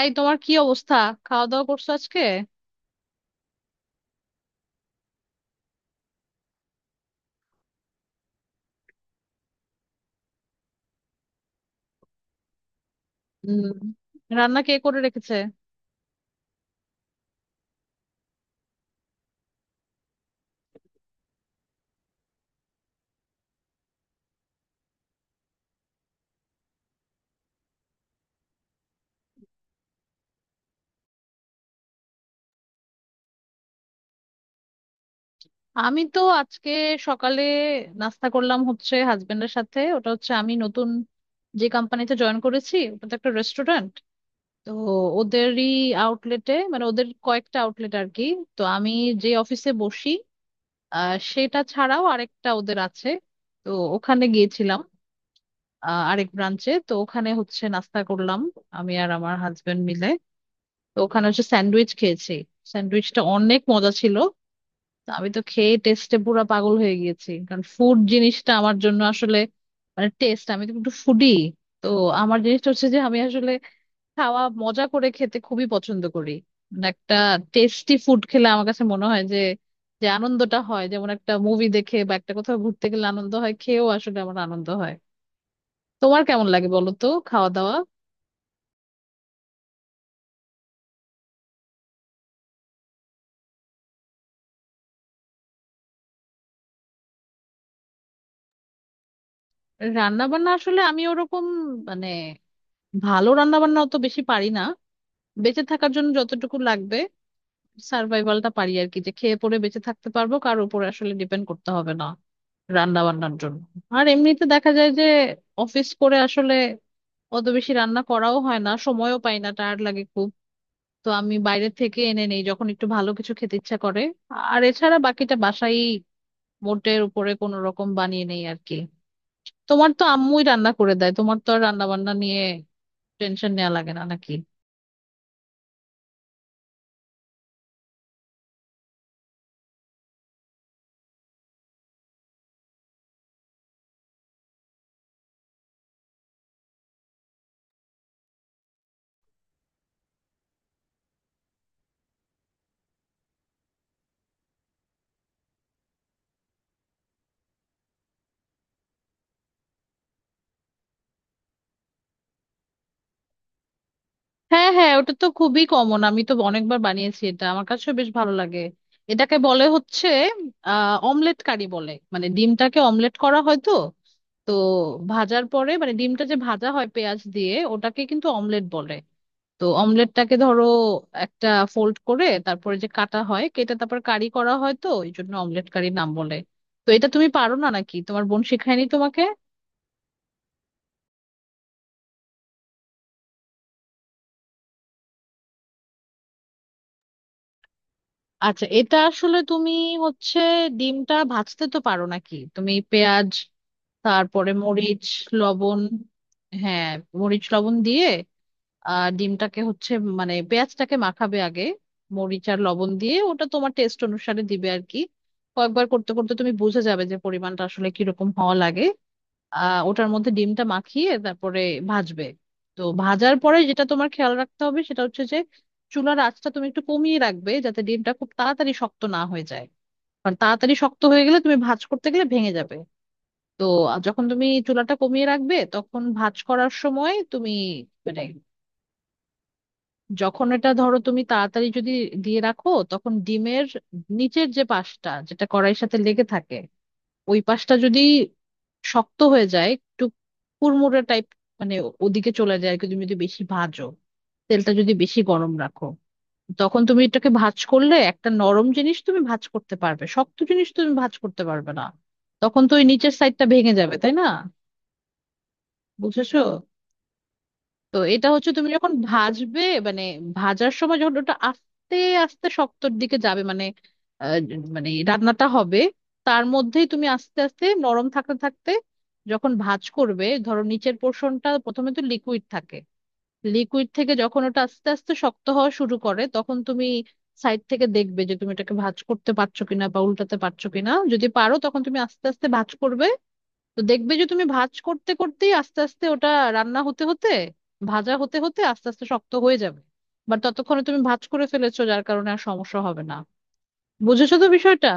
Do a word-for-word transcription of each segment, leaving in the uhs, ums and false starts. এই তোমার কি অবস্থা? খাওয়া দাওয়া করছো আজকে? হুম। রান্না কে করে রেখেছে? আমি তো আজকে সকালে নাস্তা করলাম হচ্ছে হাজবেন্ডের সাথে, ওটা হচ্ছে আমি নতুন যে কোম্পানিতে জয়েন করেছি ওটা তো একটা রেস্টুরেন্ট। তো ওদেরই আউটলেটে, মানে ওদের কয়েকটা আউটলেট আর কি। তো আমি যে অফিসে বসি, আহ সেটা ছাড়াও আরেকটা ওদের আছে, তো ওখানে গিয়েছিলাম। আহ, আরেক ব্রাঞ্চে, তো ওখানে হচ্ছে নাস্তা করলাম আমি আর আমার হাজবেন্ড মিলে। তো ওখানে হচ্ছে স্যান্ডউইচ খেয়েছি, স্যান্ডউইচটা অনেক মজা ছিল। তো আমি তো খেয়ে টেস্টে পুরা পাগল হয়ে গিয়েছি, কারণ ফুড জিনিসটা আমার জন্য আসলে, মানে টেস্ট, আমি তো একটু ফুডি। তো আমার জিনিসটা হচ্ছে যে আমি আসলে খাওয়া মজা করে খেতে খুবই পছন্দ করি। মানে একটা টেস্টি ফুড খেলে আমার কাছে মনে হয় যে, যে আনন্দটা হয় যেমন একটা মুভি দেখে বা একটা কোথাও ঘুরতে গেলে আনন্দ হয়, খেয়েও আসলে আমার আনন্দ হয়। তোমার কেমন লাগে বলো তো, খাওয়া দাওয়া? রান্না বান্না আসলে আমি ওরকম, মানে ভালো রান্না বান্না অত বেশি পারি না। বেঁচে থাকার জন্য যতটুকু লাগবে সার্ভাইভালটা পারি আর কি, যে খেয়ে পরে বেঁচে থাকতে পারবো, কার উপরে আসলে ডিপেন্ড করতে হবে না রান্না বান্নার জন্য। আর এমনিতে দেখা যায় যে অফিস করে আসলে অত বেশি রান্না করাও হয় না, সময়ও পাই না, টায়ার্ড লাগে খুব। তো আমি বাইরে থেকে এনে নেই যখন একটু ভালো কিছু খেতে ইচ্ছা করে। আর এছাড়া বাকিটা বাসায় মোটের উপরে কোনো রকম বানিয়ে নেই আর কি। তোমার তো আম্মুই রান্না করে দেয়, তোমার তো আর রান্না বান্না নিয়ে টেনশন নেওয়া লাগে না নাকি? হ্যাঁ হ্যাঁ, ওটা তো খুবই কমন, আমি তো অনেকবার বানিয়েছি, এটা আমার কাছে বেশ ভালো লাগে। এটাকে বলে হচ্ছে আহ অমলেট কারি বলে, মানে ডিমটাকে অমলেট করা হয় তো। তো ভাজার পরে, মানে ডিমটা যে ভাজা হয় পেঁয়াজ দিয়ে, ওটাকে কিন্তু অমলেট বলে। তো অমলেটটাকে ধরো একটা ফোল্ড করে তারপরে যে কাটা হয়, কেটে তারপর কারি করা হয়, তো এই জন্য অমলেট কারি নাম বলে। তো এটা তুমি পারো না নাকি? তোমার বোন শেখায়নি তোমাকে? আচ্ছা, এটা আসলে তুমি হচ্ছে, ডিমটা ভাজতে তো পারো নাকি? তুমি পেঁয়াজ, তারপরে মরিচ, লবণ। হ্যাঁ। মরিচ লবণ দিয়ে, আর ডিমটাকে হচ্ছে, মানে পেঁয়াজটাকে মাখাবে আগে মরিচ আর লবণ দিয়ে, ওটা তোমার টেস্ট অনুসারে দিবে আর কি। কয়েকবার করতে করতে তুমি বুঝে যাবে যে পরিমাণটা আসলে কিরকম হওয়া লাগে। আহ ওটার মধ্যে ডিমটা মাখিয়ে তারপরে ভাজবে। তো ভাজার পরে যেটা তোমার খেয়াল রাখতে হবে সেটা হচ্ছে যে চুলার আঁচটা তুমি একটু কমিয়ে রাখবে, যাতে ডিমটা খুব তাড়াতাড়ি শক্ত না হয়ে যায়। কারণ তাড়াতাড়ি শক্ত হয়ে গেলে তুমি ভাজ করতে গেলে ভেঙে যাবে। তো আহ, যখন তুমি চুলাটা কমিয়ে রাখবে তখন ভাঁজ করার সময় তুমি, মানে যখন এটা ধরো তুমি তাড়াতাড়ি যদি দিয়ে রাখো, তখন ডিমের নিচের যে পাশটা যেটা কড়াইয়ের সাথে লেগে থাকে, ওই পাশটা যদি শক্ত হয়ে যায়, একটু কুড়মুড়ে টাইপ, মানে ওদিকে চলে যায় আর কি, তুমি যদি বেশি ভাজো, তেলটা যদি বেশি গরম রাখো, তখন তুমি এটাকে ভাঁজ করলে, একটা নরম জিনিস তুমি ভাঁজ করতে পারবে, শক্ত জিনিস তুমি ভাঁজ করতে পারবে না। তখন তো ওই নিচের সাইডটা ভেঙে যাবে তাই না? বুঝেছো তো। এটা হচ্ছে তুমি যখন ভাজবে, মানে ভাজার সময় যখন ওটা আস্তে আস্তে শক্তর দিকে যাবে, মানে আহ, মানে রান্নাটা হবে, তার মধ্যেই তুমি আস্তে আস্তে নরম থাকতে থাকতে যখন ভাজ করবে, ধরো নিচের পোর্শনটা প্রথমে তো লিকুইড থাকে। লিকুইড থেকে যখন ওটা আস্তে আস্তে শক্ত হওয়া শুরু করে, তখন তুমি সাইড থেকে দেখবে যে তুমি এটাকে ভাজ করতে পারছো কিনা বা উল্টাতে পারছো কিনা, যদি পারো তখন তুমি আস্তে আস্তে ভাজ করবে। তো দেখবে যে তুমি ভাঁজ করতে করতেই আস্তে আস্তে ওটা রান্না হতে হতে, ভাজা হতে হতে আস্তে আস্তে শক্ত হয়ে যাবে। বাট ততক্ষণে তুমি ভাঁজ করে ফেলেছো, যার কারণে আর সমস্যা হবে না। বুঝেছো তো বিষয়টা?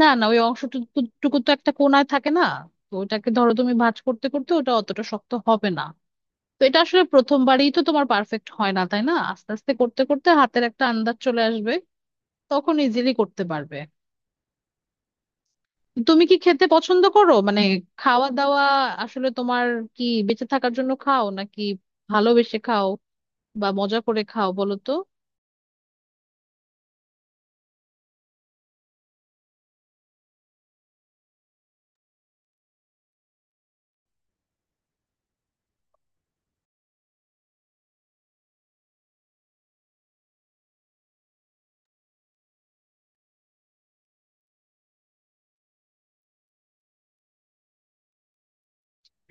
না না, ওই অংশটুকু টুকু তো একটা কোণায় থাকে না, তো ওটাকে ধরো তুমি ভাঁজ করতে করতে ওটা অতটা শক্ত হবে না। তো এটা আসলে প্রথমবারই তো তোমার পারফেক্ট হয় না তাই না, আস্তে আস্তে করতে করতে হাতের একটা আন্দাজ চলে আসবে, তখন ইজিলি করতে পারবে। তুমি কি খেতে পছন্দ করো মানে, খাওয়া দাওয়া আসলে তোমার কি, বেঁচে থাকার জন্য খাও নাকি ভালোবেসে খাও, বা মজা করে খাও, বলো তো?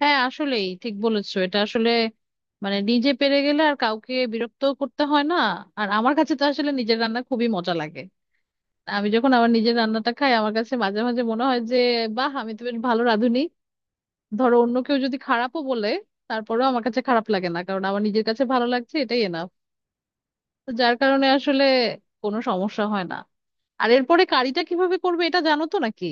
হ্যাঁ আসলেই ঠিক বলেছো, এটা আসলে মানে নিজে পেরে গেলে আর কাউকে বিরক্ত করতে হয় না। আর আমার কাছে তো আসলে নিজের রান্না খুবই মজা লাগে। আমি যখন আমার নিজের রান্নাটা খাই, আমার কাছে মাঝে মাঝে মনে হয় যে, বাহ আমি তো বেশ ভালো রাঁধুনি। ধরো অন্য কেউ যদি খারাপও বলে, তারপরেও আমার কাছে খারাপ লাগে না, কারণ আমার নিজের কাছে ভালো লাগছে এটাই এনাফ। তো যার কারণে আসলে কোনো সমস্যা হয় না। আর এরপরে কারিটা কিভাবে করবে এটা জানো তো নাকি?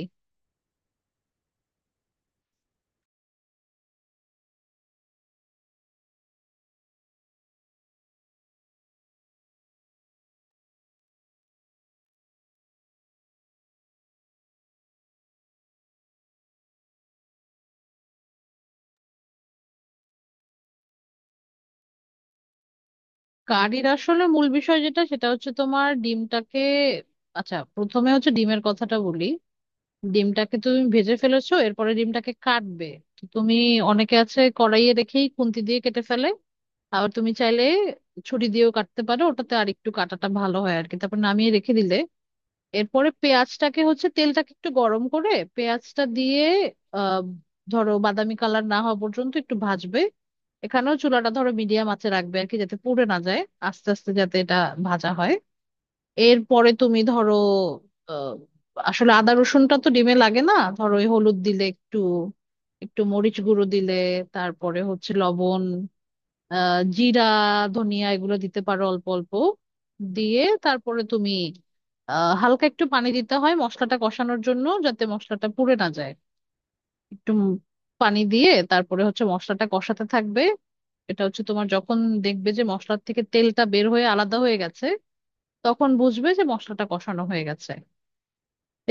কারির আসলে মূল বিষয় যেটা সেটা হচ্ছে তোমার ডিমটাকে, আচ্ছা প্রথমে হচ্ছে ডিমের কথাটা বলি। ডিমটাকে তুমি ভেজে ফেলেছো, এরপরে ডিমটাকে কাটবে। তো তুমি, অনেকে আছে কড়াইয়ে দেখেই খুন্তি দিয়ে কেটে ফেলে, আবার তুমি চাইলে ছুরি দিয়েও কাটতে পারো, ওটাতে আর একটু কাটাটা ভালো হয় আর কি, তারপর নামিয়ে রেখে দিলে। এরপরে পেঁয়াজটাকে হচ্ছে, তেলটাকে একটু গরম করে পেঁয়াজটা দিয়ে, আহ ধরো বাদামি কালার না হওয়া পর্যন্ত একটু ভাজবে। এখানেও চুলাটা ধরো মিডিয়াম আঁচে রাখবে আর কি, যাতে পুড়ে না যায়, আস্তে আস্তে যাতে এটা ভাজা হয়। এরপরে তুমি ধরো আহ, আসলে আদা রসুনটা তো ডিমে লাগে না, ধরো ওই হলুদ দিলে একটু, একটু মরিচ গুঁড়ো দিলে, তারপরে হচ্ছে লবণ, আহ জিরা, ধনিয়া, এগুলো দিতে পারো অল্প অল্প। দিয়ে তারপরে তুমি আহ হালকা একটু পানি দিতে হয় মশলাটা কষানোর জন্য, যাতে মশলাটা পুড়ে না যায়। একটু উম পানি দিয়ে তারপরে হচ্ছে মশলাটা কষাতে থাকবে। এটা হচ্ছে তোমার যখন দেখবে যে মশলার থেকে তেলটা বের হয়ে আলাদা হয়ে গেছে, তখন বুঝবে যে মশলাটা কষানো হয়ে গেছে।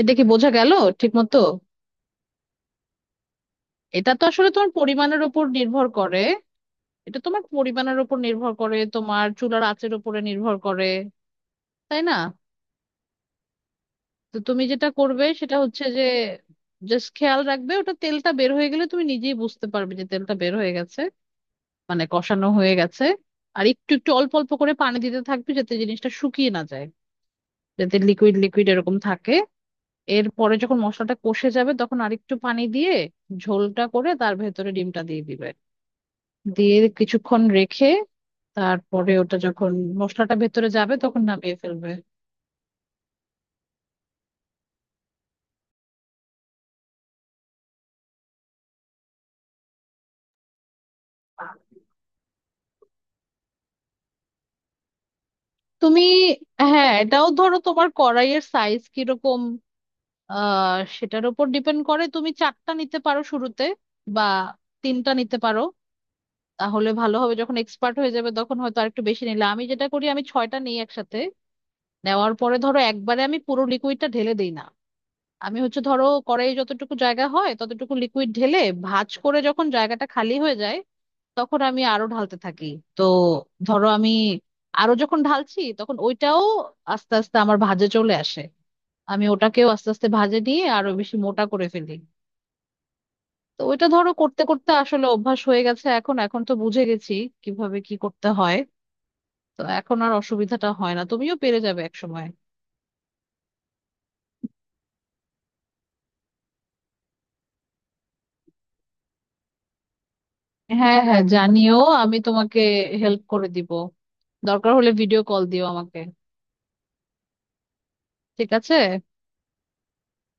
এটা কি বোঝা গেল? ঠিক মতো, এটা তো আসলে তোমার পরিমাণের উপর নির্ভর করে, এটা তোমার পরিমাণের উপর নির্ভর করে, তোমার চুলার আঁচের উপরে নির্ভর করে, তাই না? তো তুমি যেটা করবে সেটা হচ্ছে যে জাস্ট খেয়াল রাখবে ওটা, তেলটা বের হয়ে গেলে তুমি নিজেই বুঝতে পারবে যে তেলটা বের হয়ে গেছে, মানে কষানো হয়ে গেছে। আর একটু একটু অল্প অল্প করে পানি দিতে থাকবে, যাতে জিনিসটা শুকিয়ে না যায়, যাতে লিকুইড লিকুইড এরকম থাকে। এরপরে যখন মশলাটা কষে যাবে, তখন আরেকটু পানি দিয়ে ঝোলটা করে তার ভেতরে ডিমটা দিয়ে দিবে, দিয়ে কিছুক্ষণ রেখে, তারপরে ওটা যখন মশলাটা ভেতরে যাবে তখন নামিয়ে ফেলবে। তুমি, হ্যাঁ এটাও ধরো তোমার কড়াইয়ের সাইজ কিরকম, আহ সেটার উপর ডিপেন্ড করে। তুমি চারটা নিতে পারো শুরুতে, বা তিনটা নিতে পারো, তাহলে ভালো হবে। যখন এক্সপার্ট হয়ে যাবে তখন হয়তো আরেকটু বেশি নিলে, আমি যেটা করি আমি ছয়টা নিই একসাথে। নেওয়ার পরে ধরো একবারে আমি পুরো লিকুইডটা ঢেলে দিই না, আমি হচ্ছে ধরো কড়াইয়ে যতটুকু জায়গা হয় ততটুকু লিকুইড ঢেলে ভাঁজ করে, যখন জায়গাটা খালি হয়ে যায় তখন আমি আরো ঢালতে থাকি। তো ধরো আমি আরো যখন ঢালছি তখন ওইটাও আস্তে আস্তে আমার ভাঁজে চলে আসে, আমি ওটাকেও আস্তে আস্তে ভাজে নিয়ে আরো বেশি মোটা করে ফেলি। তো ওইটা ধরো করতে করতে আসলে অভ্যাস হয়ে গেছে, এখন এখন তো বুঝে গেছি কিভাবে কি করতে হয়। তো এখন আর অসুবিধাটা হয় না, তুমিও পেরে যাবে এক সময়। হ্যাঁ হ্যাঁ জানিও, আমি তোমাকে হেল্প করে দিব। দরকার হলে ভিডিও কল দিও আমাকে। ঠিক আছে।